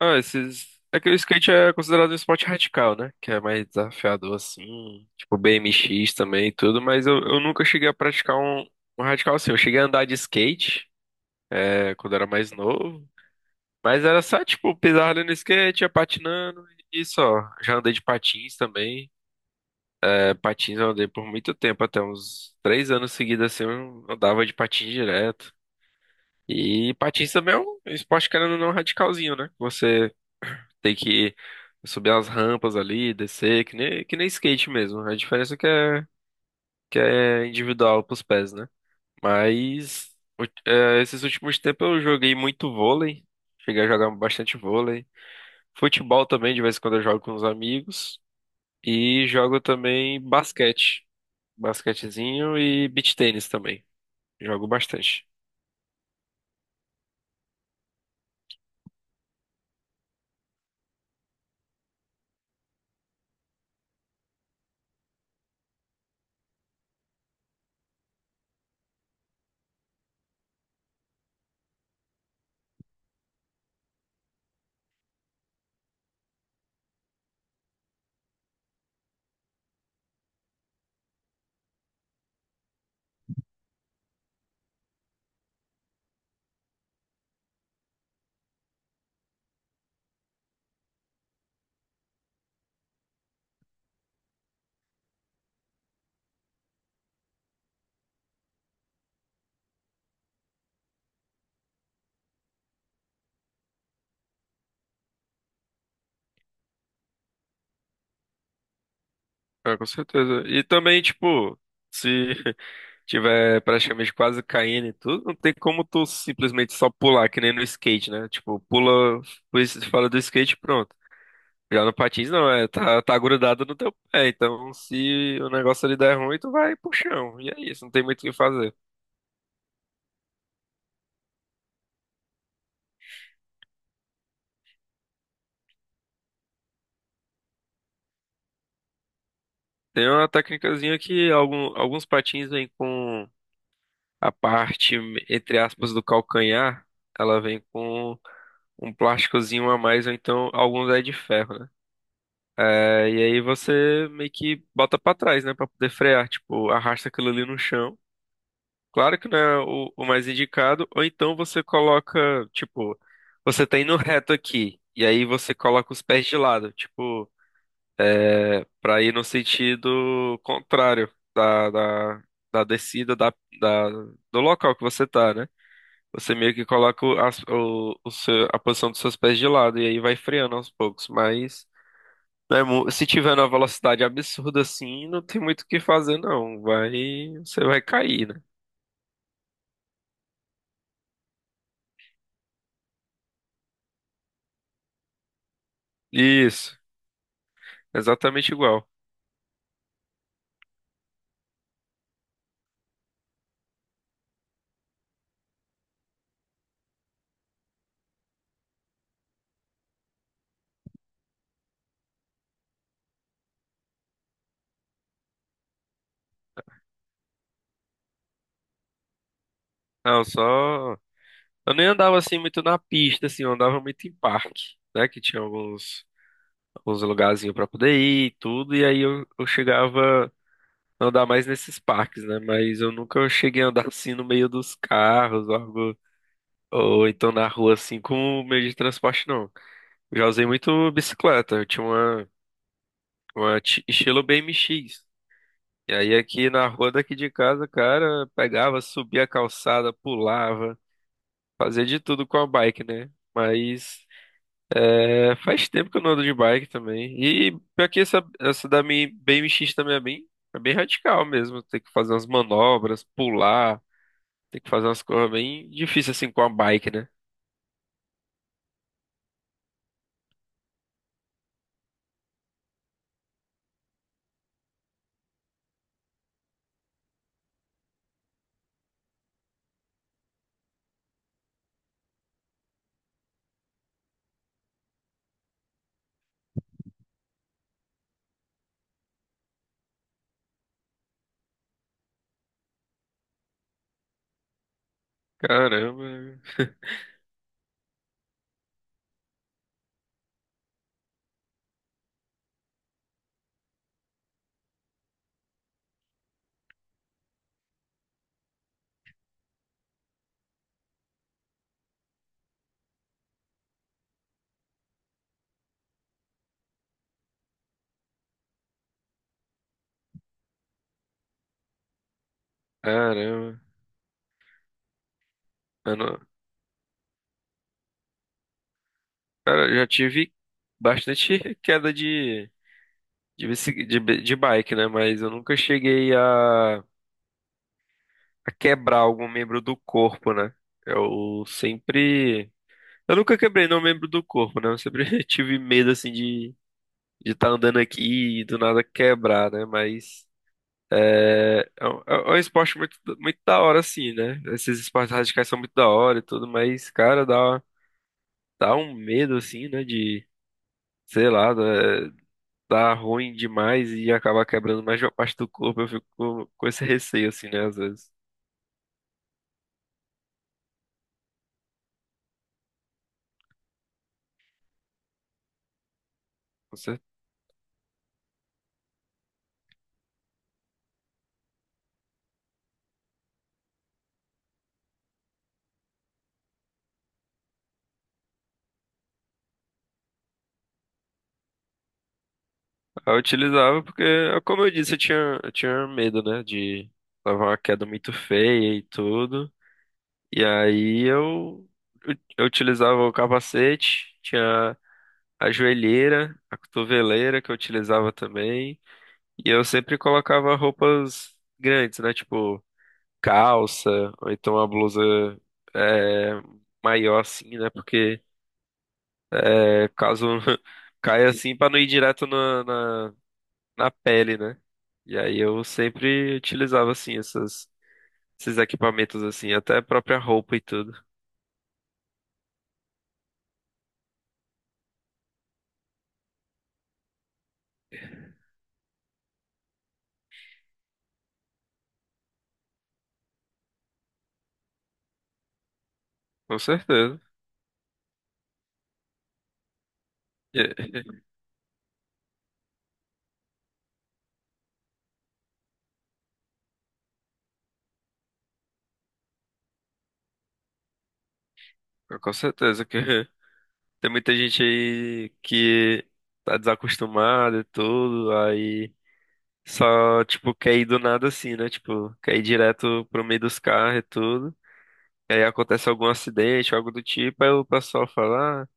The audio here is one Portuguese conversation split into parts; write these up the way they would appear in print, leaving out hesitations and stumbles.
Ah, esses. É que o skate é considerado um esporte radical, né? Que é mais desafiador, assim. Tipo, BMX também e tudo, mas eu nunca cheguei a praticar um radical assim. Eu cheguei a andar de skate, quando era mais novo. Mas era só, tipo, pisar ali no skate, ia patinando e só. Já andei de patins também. É, patins eu andei por muito tempo, até uns três anos seguidos, assim, eu andava de patins direto. E patins também é um esporte, querendo ou não, radicalzinho, né? Você tem que subir as rampas ali, descer, que nem skate mesmo. A diferença é que é individual pros pés, né? Mas u- É, esses últimos tempos eu joguei muito vôlei. Cheguei a jogar bastante vôlei. Futebol também, de vez em quando eu jogo com os amigos. E jogo também basquete. Basquetezinho e beach tênis também. Jogo bastante. Ah, com certeza. E também, tipo, se tiver praticamente quase caindo e tudo, não tem como tu simplesmente só pular, que nem no skate, né? Tipo, pula, pois fala do skate, pronto. Já no patins não, é, tá grudado no teu pé, então se o negócio ali der ruim, tu vai pro chão, e é isso, não tem muito o que fazer. Tem uma técnicazinha que alguns patins vêm com a parte, entre aspas, do calcanhar, ela vem com um plásticozinho a mais, ou então alguns é de ferro, né? É, e aí você meio que bota pra trás, né, pra poder frear, tipo, arrasta aquilo ali no chão. Claro que não é o mais indicado, ou então você coloca, tipo, você tá indo reto aqui, e aí você coloca os pés de lado, tipo, pra ir no sentido contrário da, da, da descida da do local que você tá, né? Você meio que coloca o, as- o seu- a posição dos seus pés de lado, e aí vai freando aos poucos, mas. Se tiver numa velocidade absurda assim, não tem muito o que fazer, não. Vai, você vai cair, né? Isso, exatamente igual. Não, só. Eu nem andava assim muito na pista, assim, eu andava muito em parque, né? Que tinha alguns lugarzinhos pra poder ir e tudo, e aí eu chegava a andar mais nesses parques, né? Mas eu nunca cheguei a andar assim no meio dos carros, ou algo, ou então na rua assim, com o meio de transporte, não. Eu já usei muito bicicleta, eu tinha uma. Estilo BMX. E aí aqui na rua daqui de casa, cara, pegava, subia a calçada, pulava, fazia de tudo com a bike, né? Mas é, faz tempo que eu não ando de bike também. E pior que essa da minha BMX também é bem radical mesmo. Tem que fazer umas manobras, pular, tem que fazer umas coisas bem difíceis assim com a bike, né? Caramba, caramba. Eu não- Cara, eu já tive bastante queda de, bici- de, bi- de bike, né? Mas eu nunca cheguei a quebrar algum membro do corpo, né? Eu sempre. Eu nunca quebrei nenhum membro do corpo, né? Eu sempre tive medo, assim, de estar andando aqui e do nada quebrar, né? Mas. É, é um esporte muito, muito da hora, assim, né? Esses esportes radicais são muito da hora e tudo, mas, cara, dá, dá um medo, assim, né? De, sei lá, né? Tá ruim demais e acabar quebrando mais de uma parte do corpo. Eu fico com esse receio, assim, né? Às vezes. Com certeza. Eu utilizava porque, como eu disse, eu tinha medo, né? De levar uma queda muito feia e tudo. E aí eu utilizava o capacete, tinha a joelheira, a cotoveleira que eu utilizava também. E eu sempre colocava roupas grandes, né? Tipo calça, ou então uma blusa é, maior assim, né? Porque é, caso caia assim pra não ir direto na pele, né? E aí eu sempre utilizava assim esses equipamentos assim, até a própria roupa e tudo. Com certeza. É, com certeza que tem muita gente aí que tá desacostumada e tudo, aí só tipo quer ir do nada assim, né? Tipo, quer ir direto pro meio dos carros e tudo. E aí acontece algum acidente, algo do tipo, aí o pessoal fala, "Ah,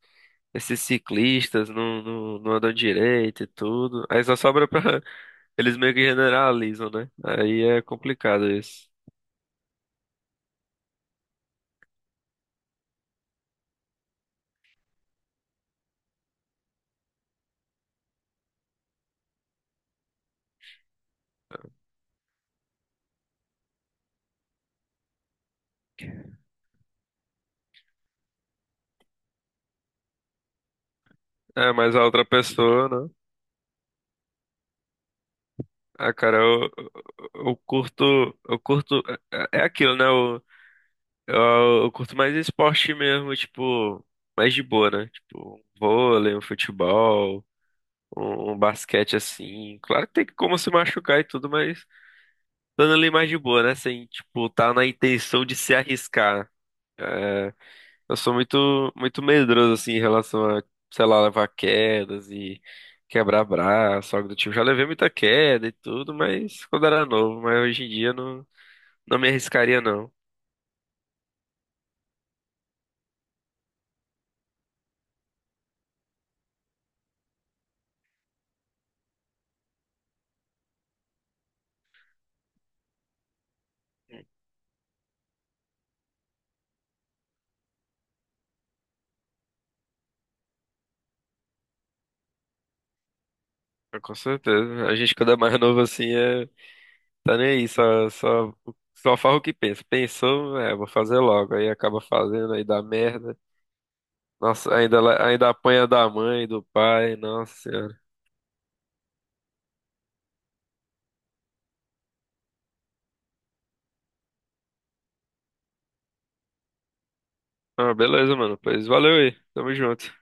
esses ciclistas não andam direito e tudo. Aí só sobra pra. Eles meio que generalizam, né? Aí é complicado isso. É, mas a outra pessoa, né? Ah, cara, eu curto. Eu curto. É aquilo, né? Eu curto mais esporte mesmo, tipo. Mais de boa, né? Tipo, um vôlei, um futebol, um basquete assim. Claro que tem como se machucar e tudo, mas dando ali mais de boa, né? Sem, tipo, tá na intenção de se arriscar. É, eu sou muito, muito medroso, assim, em relação a, sei lá, levar quedas e quebrar braço, algo do tipo. Já levei muita queda e tudo, mas quando era novo. Mas hoje em dia não, não me arriscaria, não. Mas com certeza. A gente, quando é mais novo, assim, é, tá nem aí, só faz o que pensa. Pensou, é, vou fazer logo. Aí acaba fazendo, aí dá merda. Nossa, ainda apanha da mãe, do pai, nossa senhora. Ah, beleza, mano. Pois valeu aí. Tamo junto.